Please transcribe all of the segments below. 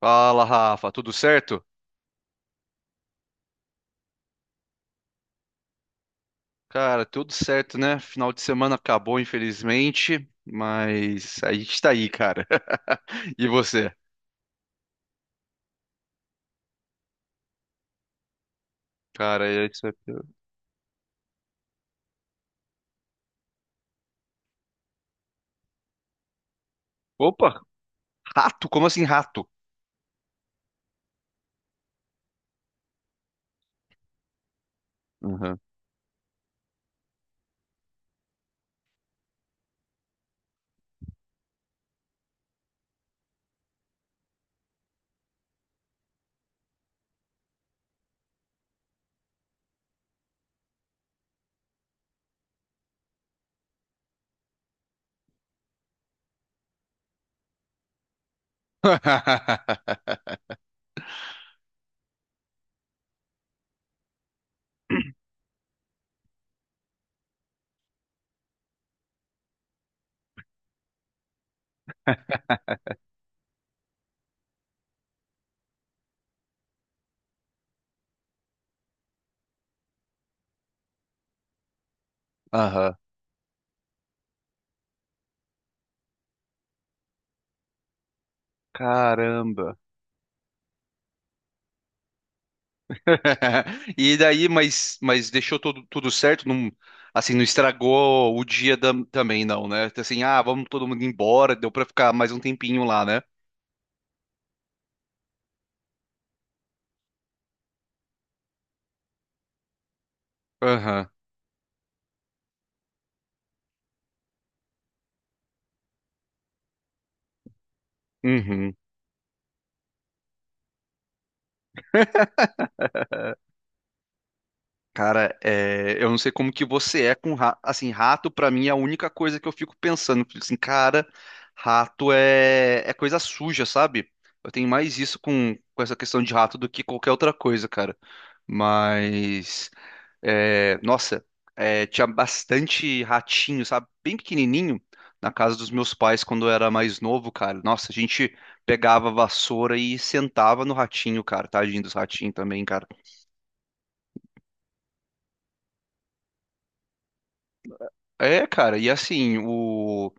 Fala, Rafa, tudo certo? Cara, tudo certo, né? Final de semana acabou, infelizmente, mas a gente tá aí, cara. E você? Cara, é isso aqui. Opa, rato? Como assim rato? Uhum. Aham. Caramba. E daí, mas deixou tudo, tudo certo? Não, assim, não estragou o também, não, né? Assim, ah, vamos todo mundo embora, deu pra ficar mais um tempinho lá, né? Aham. Uhum. Cara, é, eu não sei como que você é com rato. Assim, rato pra mim é a única coisa que eu fico pensando. Fico assim, cara, rato é coisa suja, sabe? Eu tenho mais isso com essa questão de rato do que qualquer outra coisa, cara. Mas, é, nossa, é, tinha bastante ratinho, sabe? Bem pequenininho na casa dos meus pais quando eu era mais novo, cara. Nossa, a gente pegava a vassoura e sentava no ratinho, cara. Tadinho dos ratinhos também, cara. É, cara, e assim, o.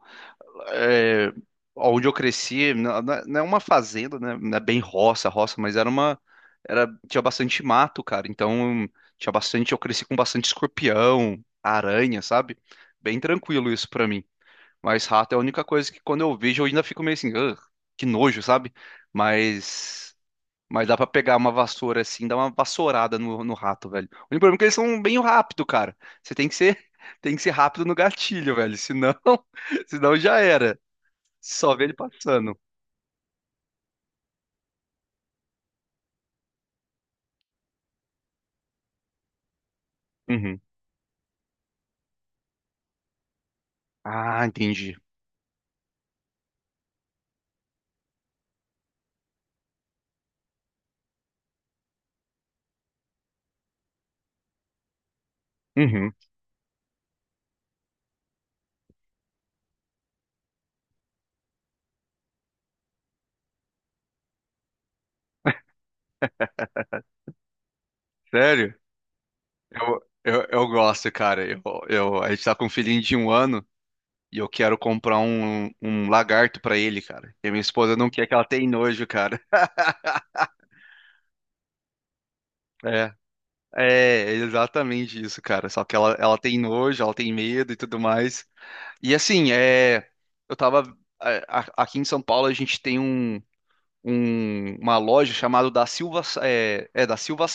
É, onde eu cresci, não é uma fazenda, né? Não é bem roça, roça, mas era uma. Era, tinha bastante mato, cara. Então, tinha bastante. Eu cresci com bastante escorpião, aranha, sabe? Bem tranquilo isso pra mim. Mas rato é a única coisa que quando eu vejo eu ainda fico meio assim, "Ugh, que nojo, sabe? Mas. Mas dá pra pegar uma vassoura assim, dar uma vassourada no rato, velho. O único problema é que eles são bem rápido, cara. Você tem que ser, tem que ser rápido no gatilho, velho. Senão, senão já era. Só vê ele passando. Uhum. Ah, entendi. Uhum. Sério? Eu gosto, cara. A gente tá com um filhinho de um ano e eu quero comprar um lagarto pra ele, cara. E a minha esposa não quer que ela tem nojo, cara. É, é é exatamente isso, cara. Só que ela tem nojo, ela tem medo e tudo mais. E assim, é, eu tava. Aqui em São Paulo a gente tem uma loja chamada da Silva, é, é, da Silva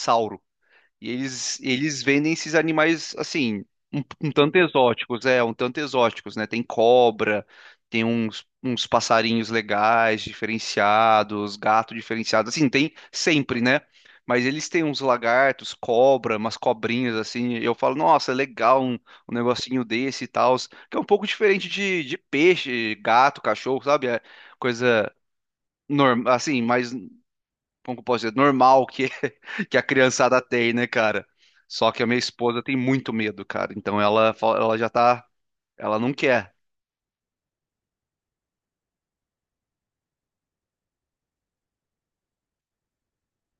e eles vendem esses animais, assim, um tanto exóticos, é, um tanto exóticos, né? Tem cobra, tem uns, uns passarinhos legais, diferenciados, gato diferenciado, assim, tem sempre, né? Mas eles têm uns lagartos, cobra, umas cobrinhas, assim, eu falo, nossa, é legal um negocinho desse e tal, que é um pouco diferente de peixe, gato, cachorro, sabe? É coisa normal, assim, mais como que eu posso dizer, normal que, que a criançada tem, né, cara? Só que a minha esposa tem muito medo, cara. Então ela já tá. Ela não quer.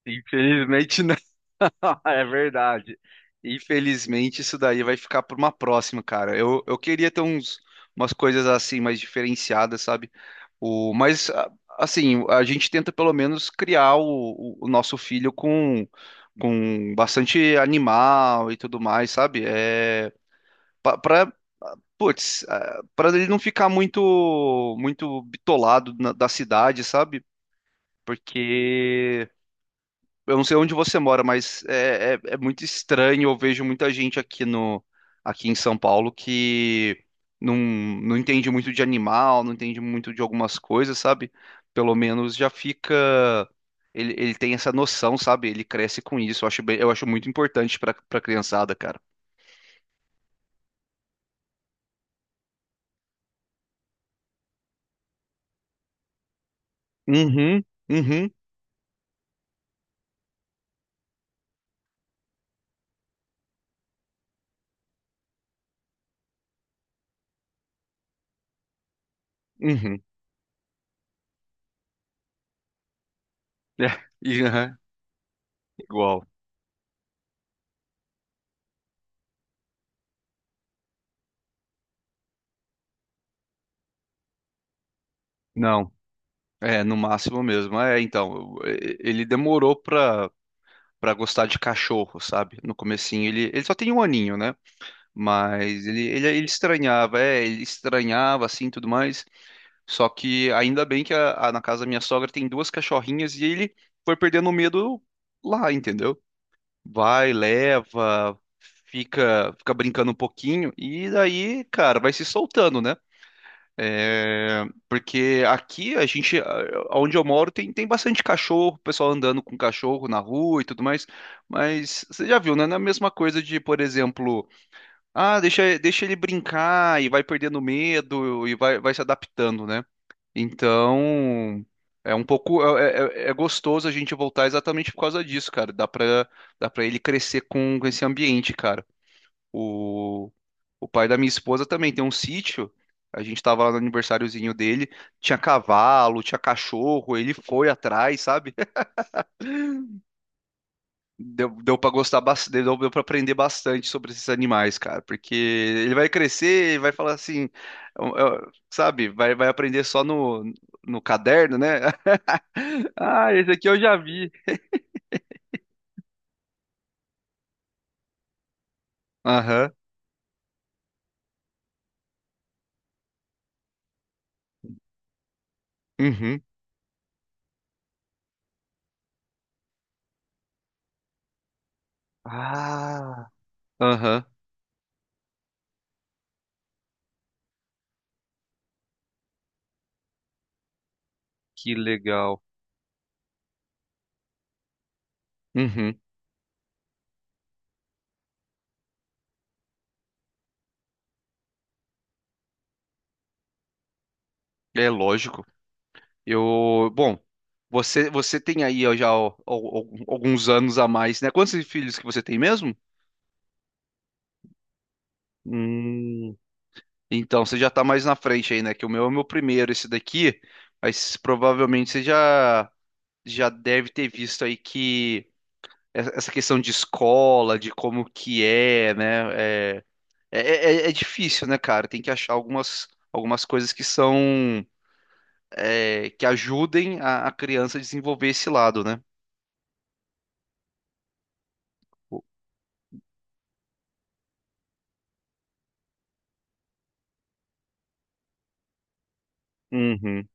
Infelizmente, não. É verdade. Infelizmente, isso daí vai ficar para uma próxima, cara. Eu queria ter uns, umas coisas assim mais diferenciadas, sabe? O, mas, assim, a gente tenta pelo menos criar o nosso filho com bastante animal e tudo mais, sabe? É, para Putz, para ele não ficar muito muito bitolado da cidade, sabe? Porque eu não sei onde você mora, mas é muito estranho. Eu vejo muita gente aqui no aqui em São Paulo que não, não entende muito de animal, não entende muito de algumas coisas, sabe? Pelo menos já fica ele tem essa noção, sabe? Ele cresce com isso. Eu acho muito importante para para criançada, cara. Uhum, uhum, uhum. É, e, aham, igual. Não, é no máximo mesmo. É, então, ele demorou pra, pra gostar de cachorro, sabe? No comecinho ele só tem um aninho, né? Mas ele estranhava, é, ele estranhava assim, e tudo mais. Só que ainda bem que na casa da minha sogra tem duas cachorrinhas e ele foi perdendo o medo lá, entendeu? Vai, leva, fica, fica brincando um pouquinho e daí, cara, vai se soltando, né? É, porque aqui onde eu moro, tem, tem bastante cachorro, o pessoal andando com cachorro na rua e tudo mais. Mas você já viu, né? Não é a mesma coisa de, por exemplo, ah, deixa, deixa ele brincar e vai perdendo medo e vai, vai se adaptando, né? Então, é um pouco, é, é gostoso a gente voltar exatamente por causa disso, cara. Dá pra ele crescer com esse ambiente, cara. O, o pai da minha esposa também tem um sítio. A gente tava lá no aniversáriozinho dele, tinha cavalo, tinha cachorro, ele foi atrás, sabe? Deu, deu para gostar bastante, deu, deu para aprender bastante sobre esses animais, cara, porque ele vai crescer, ele vai falar assim, sabe? Vai, vai aprender só no caderno, né? Ah, esse aqui eu já vi. Aham, uhum. Ah, aham, que legal. Uhum. É lógico. Eu, bom, você tem aí ó, já ó, alguns anos a mais, né? Quantos filhos que você tem mesmo? Hum, Então, você já tá mais na frente aí, né? Que o meu é o meu primeiro, esse daqui. Mas provavelmente já deve ter visto aí que essa questão de escola, de como que é, né? É, é, é difícil, né, cara? Tem que achar algumas, algumas coisas que são, é, que ajudem a criança a desenvolver esse lado, né? Uhum.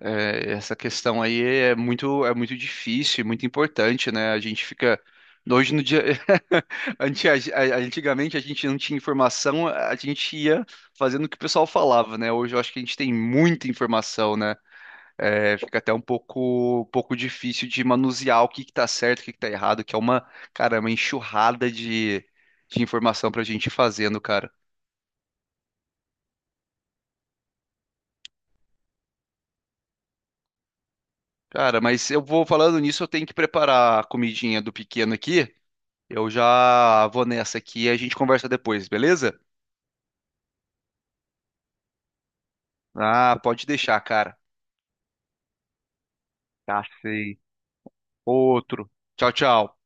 É, essa questão aí é muito difícil, e muito importante, né? A gente fica. Hoje no dia. Antigamente a gente não tinha informação, a gente ia fazendo o que o pessoal falava, né? Hoje eu acho que a gente tem muita informação, né? É, fica até um pouco difícil de manusear o que que tá certo, o que que tá errado, que é uma, cara, uma enxurrada de informação pra gente ir fazendo, cara. Cara, mas eu vou falando nisso, eu tenho que preparar a comidinha do pequeno aqui. Eu já vou nessa aqui e a gente conversa depois, beleza? Ah, pode deixar, cara. Cacei. Outro. Tchau, tchau.